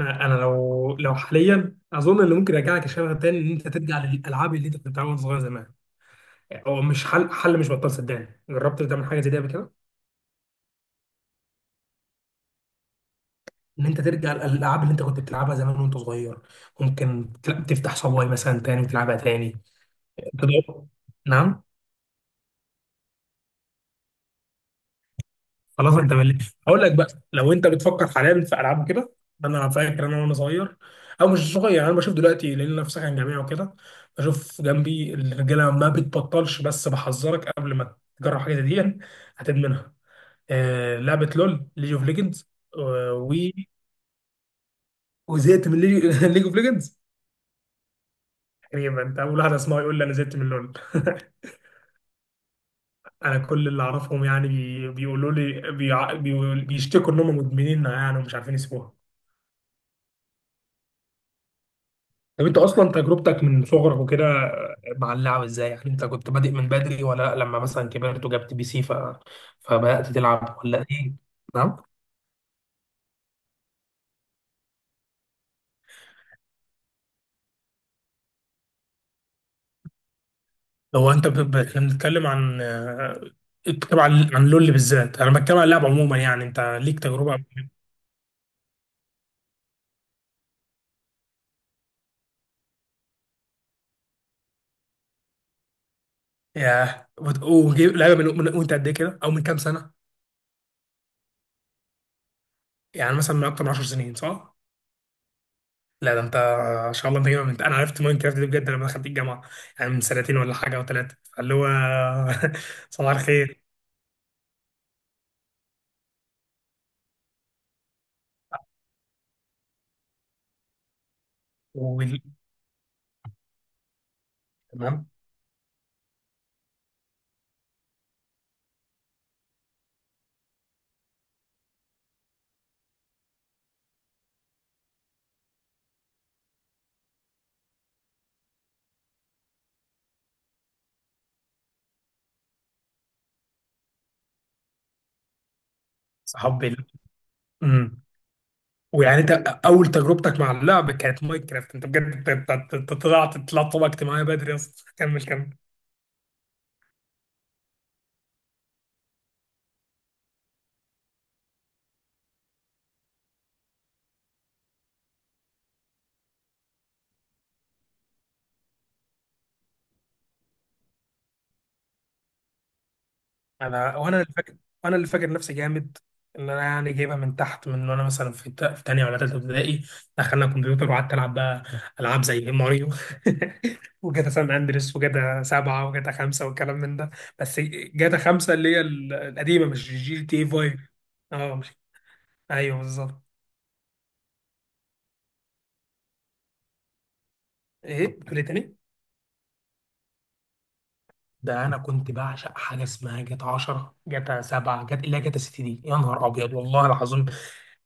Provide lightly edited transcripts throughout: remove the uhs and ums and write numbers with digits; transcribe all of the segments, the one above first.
انا لو حاليا اظن اللي ممكن يرجعك الشغف تاني ان انت ترجع للالعاب اللي انت كنت بتلعبها وانت صغير زمان. هو مش حل مش بطال، صدقني. جربت تعمل حاجه زي دي قبل كده، ان انت ترجع للالعاب اللي انت كنت بتلعبها زمان وانت صغير. ممكن تفتح صواي مثلا تاني وتلعبها تاني. تدور. نعم. خلاص انت ملي. اقول لك بقى، لو انت بتفكر حاليا في العاب كده، انا فاكر انا وانا صغير، او مش صغير يعني انا بشوف دلوقتي لان انا في سكن جامعي وكده بشوف جنبي الرجاله ما بتبطلش، بس بحذرك قبل ما تجرب حاجه زي دي هتدمنها. آه، لعبه لول، ليج اوف ليجندز. و وزهقت من ليج اوف ليجندز. تقريبا انت اول واحد اسمعه يقول لي انا زهقت من لول. انا كل اللي اعرفهم يعني بيقولوا لي بيشتكوا انهم مدمنينها يعني ومش عارفين يسيبوها. طب انت اصلا تجربتك من صغرك وكده مع اللعب ازاي؟ يعني انت كنت بادئ من بدري ولا لا؟ لما مثلا كبرت وجبت بي سي فبدأت تلعب ولا ايه؟ نعم. هو انت احنا بنتكلم عن، بنتكلم عن لول بالذات. انا بتكلم عن اللعب عموما، يعني انت ليك تجربه. ياه، لعبه وانت قد ايه كده او من كام سنه؟ يعني مثلا من اكتر من 10 سنين، صح؟ لا ده انت، ان شاء الله انت جايبها انا عرفت ماين كرافت دي بجد لما دخلت الجامعه، يعني من سنتين ولا حاجه او ثلاثه، اللي هو صباح الخير. وال... تمام. صحاب امم ويعني انت اول تجربتك مع اللعب كانت ماينكرافت؟ انت بجد؟ انت طلعت طبقة اجتماعية بدري يا اسطى، كمل كمل. انا وانا اللي فاكر، وانا اللي فاكر نفسي جامد، ان انا يعني جايبها من تحت، من وانا مثلا في في تانية ولا تالتة ابتدائي دخلنا كمبيوتر وقعدت العب بقى العاب زي ماريو. وجاتا سان اندريس وجاتا سبعة وجاتا خمسة والكلام من ده. بس جاتا خمسة اللي هي القديمة، مش جي تي إيه فايف. اه، مش، ايوه بالظبط. ايه بتقول ايه تاني؟ ده انا كنت بعشق حاجه اسمها جاتا 10، جاتا 7، جاتا اللي هي جاتا 6، دي يا نهار ابيض والله العظيم،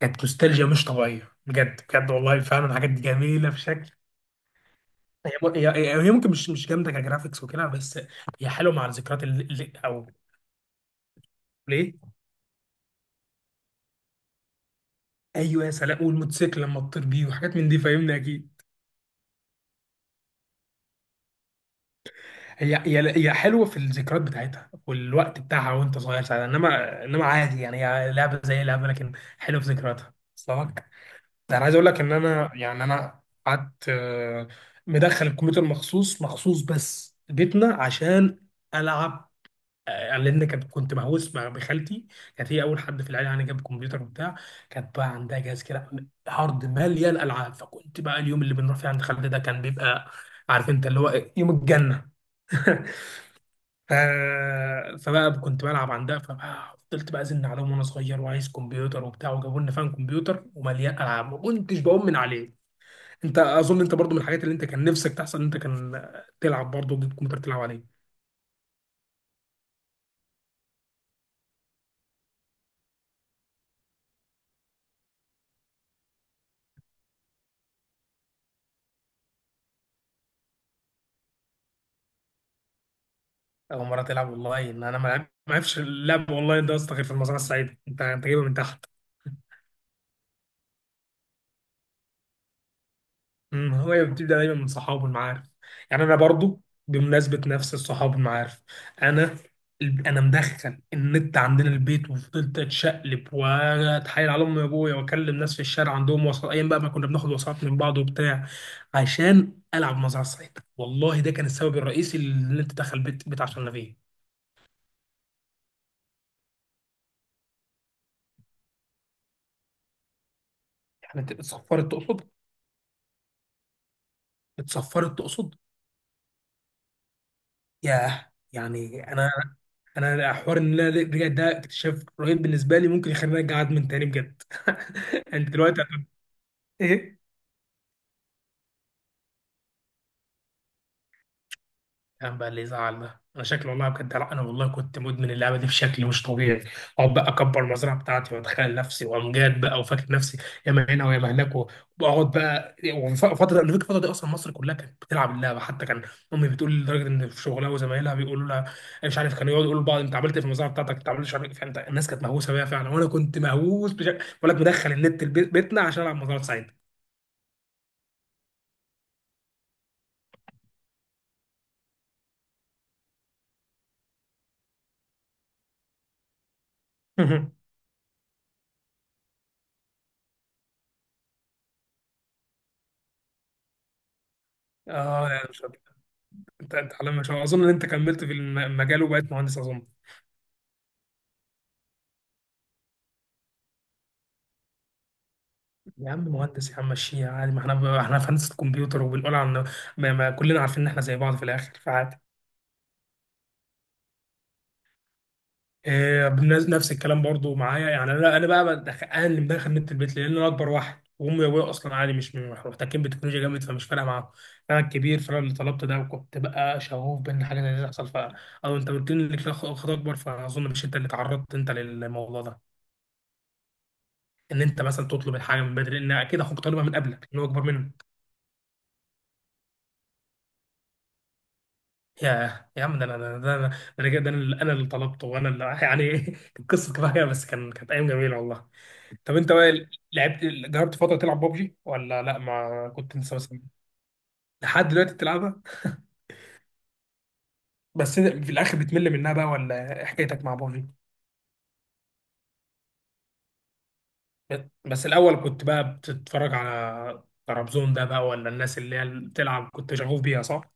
كانت نوستالجيا مش طبيعيه بجد بجد والله. فعلا الحاجات دي جميله بشكل. هي هي ممكن مش جامده كجرافيكس وكده، بس هي حلوه مع الذكريات او، ليه؟ ايوه، يا سلام، والموتوسيكل لما تطير بيه وحاجات من دي، فاهمني اكيد. هي حلوه في الذكريات بتاعتها والوقت بتاعها وانت صغير ساعتها، انما عادي يعني، هي لعبه زي لعبه، لكن حلوه في ذكرياتها. ده انا عايز اقول لك ان انا يعني انا قعدت، مدخل الكمبيوتر مخصوص مخصوص بس بيتنا عشان العب، لان كنت مهووس. مع بخالتي، كانت هي اول حد في العيله يعني جاب كمبيوتر وبتاع. كانت بقى عندها جهاز كده، هارد مليان العاب، فكنت بقى اليوم اللي بنروح فيه عند خالتي ده كان بيبقى، عارف انت اللي هو إيه، يوم الجنه. ف... فبقى كنت بلعب عندها، فبقى فضلت بقى ازن عليهم وانا صغير وعايز كمبيوتر وبتاع، وجابوا لنا فاهم كمبيوتر ومليان العاب، ما كنتش بقوم من عليه. انت اظن انت برضو من الحاجات اللي انت كان نفسك تحصل ان انت كان تلعب برضو ضد كمبيوتر تلعب عليه؟ اول مره تلعب والله ان انا ما عرفش اللعب والله، ده يا اسطى غير في المزرعه السعيده. انت جايبها من تحت. هو بتبدأ دايما من صحابه المعارف. يعني انا برضو بمناسبة نفس الصحاب المعارف، انا انا مدخل النت عندنا البيت وفضلت اتشقلب واتحايل على امي وابويا واكلم ناس في الشارع عندهم، وسط ايام بقى ما كنا بناخد وسط من بعض وبتاع، عشان العب مزرعة السعيدة. والله ده كان السبب الرئيسي اللي انت دخل بيت بيت عشان فيه. يعني اتصفرت تقصد؟ اتصفرت تقصد. ياه يعني انا، انا حوار ان انا رجعت ده اكتشاف رهيب بالنسبه لي، ممكن يخليني ارجع ادمن تاني بجد. انت دلوقتي ايه كان بقى اللي يزعل، ده انا شكلي والله بجد. لا انا والله كنت مدمن اللعبه دي بشكل مش طبيعي، اقعد بقى اكبر المزرعه بتاعتي واتخيل نفسي وامجاد بقى، وفاكر نفسي ياما هنا وياما هناك. واقعد بقى، وفتره انا فاكر الفتره دي اصلا مصر كلها كانت بتلعب اللعبه، حتى كان امي بتقول لي لدرجه ان في شغلها وزمايلها بيقولوا لها، مش عارف، كانوا يقعدوا يقولوا لبعض انت عملت إيه في المزرعه بتاعتك، انت عملت مش عارف إيه. فانت الناس كانت مهووسه بيها فعلا، وانا كنت مهووس بشكل بقول لك، مدخل النت بيتنا عشان العب مزرعه سعيد. اه لا، مش عارف. انت على ما شاء الله اظن ان انت كملت في المجال وبقيت مهندس اظن. يا عم مهندس، يا عم مشيها عادي، ما احنا في هندسه كمبيوتر وبنقول عن، ما كلنا عارفين ان احنا زي بعض في الاخر، فعادي. إيه، نفس الكلام برضو معايا، يعني انا اللي مدخل نت البيت، لان انا اكبر واحد، وامي وابويا اصلا عادي مش مش محتكين بالتكنولوجيا جامد، فمش فارقه معاهم. انا الكبير، فانا اللي طلبت ده، وكنت بقى شغوف بان حاجه زي دي تحصل. ف، او انت قلت لي انك، لا اخت اكبر، فاظن مش انت اللي تعرضت انت للموضوع ده، ان انت مثلا تطلب الحاجه من بدري، لان اكيد اخوك طالبها من قبلك ان هو اكبر منك. يا عم، ده انا ده انا ده انا ده انا أنا اللي طلبته، وانا اللي يعني القصه كفايه، بس كان كانت ايام جميله والله. طب انت بقى، لعبت جربت فتره تلعب بابجي ولا لا؟ ما كنت لسه مثلا، لحد دلوقتي بتلعبها؟ بس إنت في الاخر بتمل منها بقى ولا إيه حكايتك مع بابجي؟ بس الاول كنت بقى بتتفرج على ترابزون ده بقى، ولا الناس اللي بتلعب كنت شغوف بيها، صح؟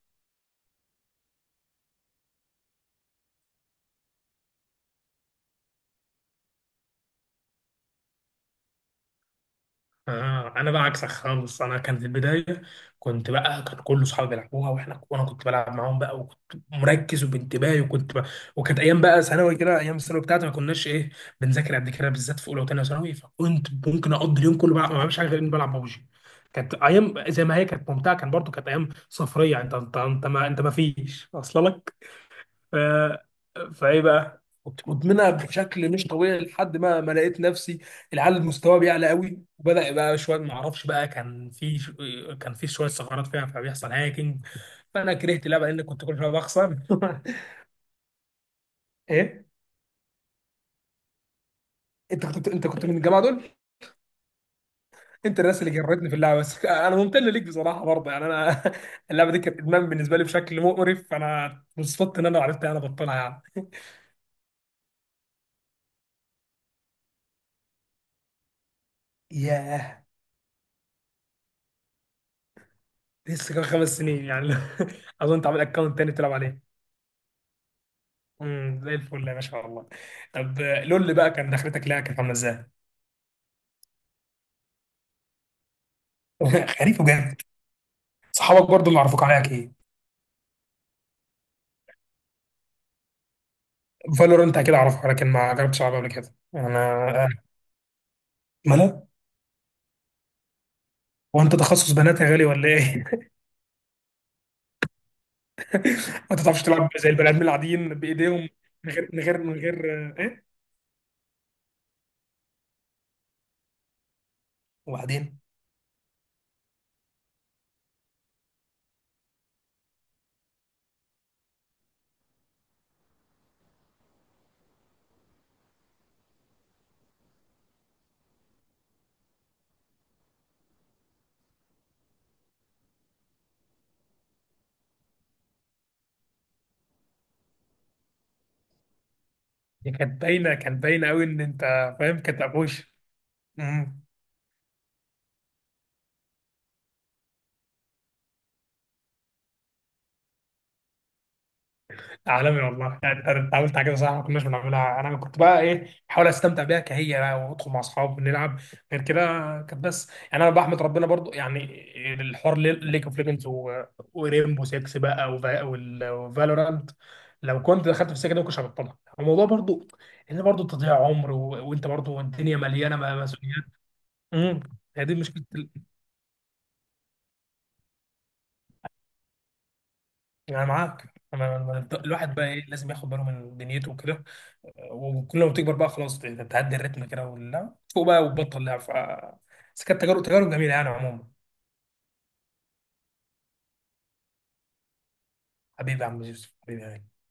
آه، انا بقى عكسك خالص، انا كان في البدايه كنت بقى، كان كل اصحابي بيلعبوها، وانا كنت بلعب معاهم بقى، وكنت مركز وبانتباهي وكنت بقى، وكانت ايام بقى ثانوي كده. ايام الثانوي بتاعتي ما كناش ايه، بنذاكر قد كده، بالذات في اولى وثانيه ثانوي، فكنت ممكن اقضي اليوم كله بقى ما بعملش حاجه غير اني بلعب ببجي. كانت ايام زي ما هي، كانت ممتعه، كان برضو كانت ايام صفريه، انت ما فيش واصله لك. ف... فايه بقى كنت مدمنها بشكل مش طبيعي، لحد ما لقيت نفسي، العيال مستواه بيعلى قوي، وبدا يبقى شويه ما اعرفش بقى، كان في شويه ثغرات فيها، فبيحصل هاكينج. فانا كرهت اللعبه لان كنت كل شويه بخسر. ايه؟ انت كنت من الجماعه دول. انت الناس اللي جرتني في اللعبه، بس انا ممتن ليك بصراحه برضه، يعني انا اللعبه دي كانت ادمان بالنسبه لي بشكل مقرف، فانا انبسطت ان انا عرفت انا بطلها يعني. ياه، لسه كمان خمس سنين يعني. اظن تعمل اكونت تاني تلعب عليه. زي الفل يا باشا والله. طب لول بقى كان دخلتك لها كانت عامله ازاي؟ غريب وجامد. صحابك برضو اللي عرفوك عليها ايه؟ فالورنت اكيد اعرفها، لكن ما جربتش العبها قبل كده انا. آه، مالها؟ هو انت تخصص بنات يا غالي ولا ايه؟ ما تعرفش تلعب زي البني ادمين العاديين بايديهم، من غير ايه؟ وبعدين دي كانت باينه قوي ان انت فاهم، كانت ابوش عالمي والله. يعني انت عملت حاجه صح ما كناش بنعملها. انا كنت بقى ايه، بحاول استمتع بيها كهي بقى، وادخل مع اصحاب ونلعب، غير كده كانت بس. يعني انا بحمد ربنا برضو، يعني الحوار ليج اوف ليجندز وريمبو 6 بقى وفالورانت، لو كنت دخلت في السكه دي ما كنتش هبطلها. الموضوع برضو ان برضو تضييع عمر، وانت برضو الدنيا مليانه مسؤوليات. امم هي دي مشكله انا معاك، الواحد بقى ايه، لازم ياخد باله من دنيته وكده. وكل ما تكبر بقى خلاص تتعدي الريتم كده، ولا تفوق بقى وتبطل لعب. ف، بس كانت تجارب جميله يعني عموما. حبيبي يا عم يوسف، حبيبي يعني.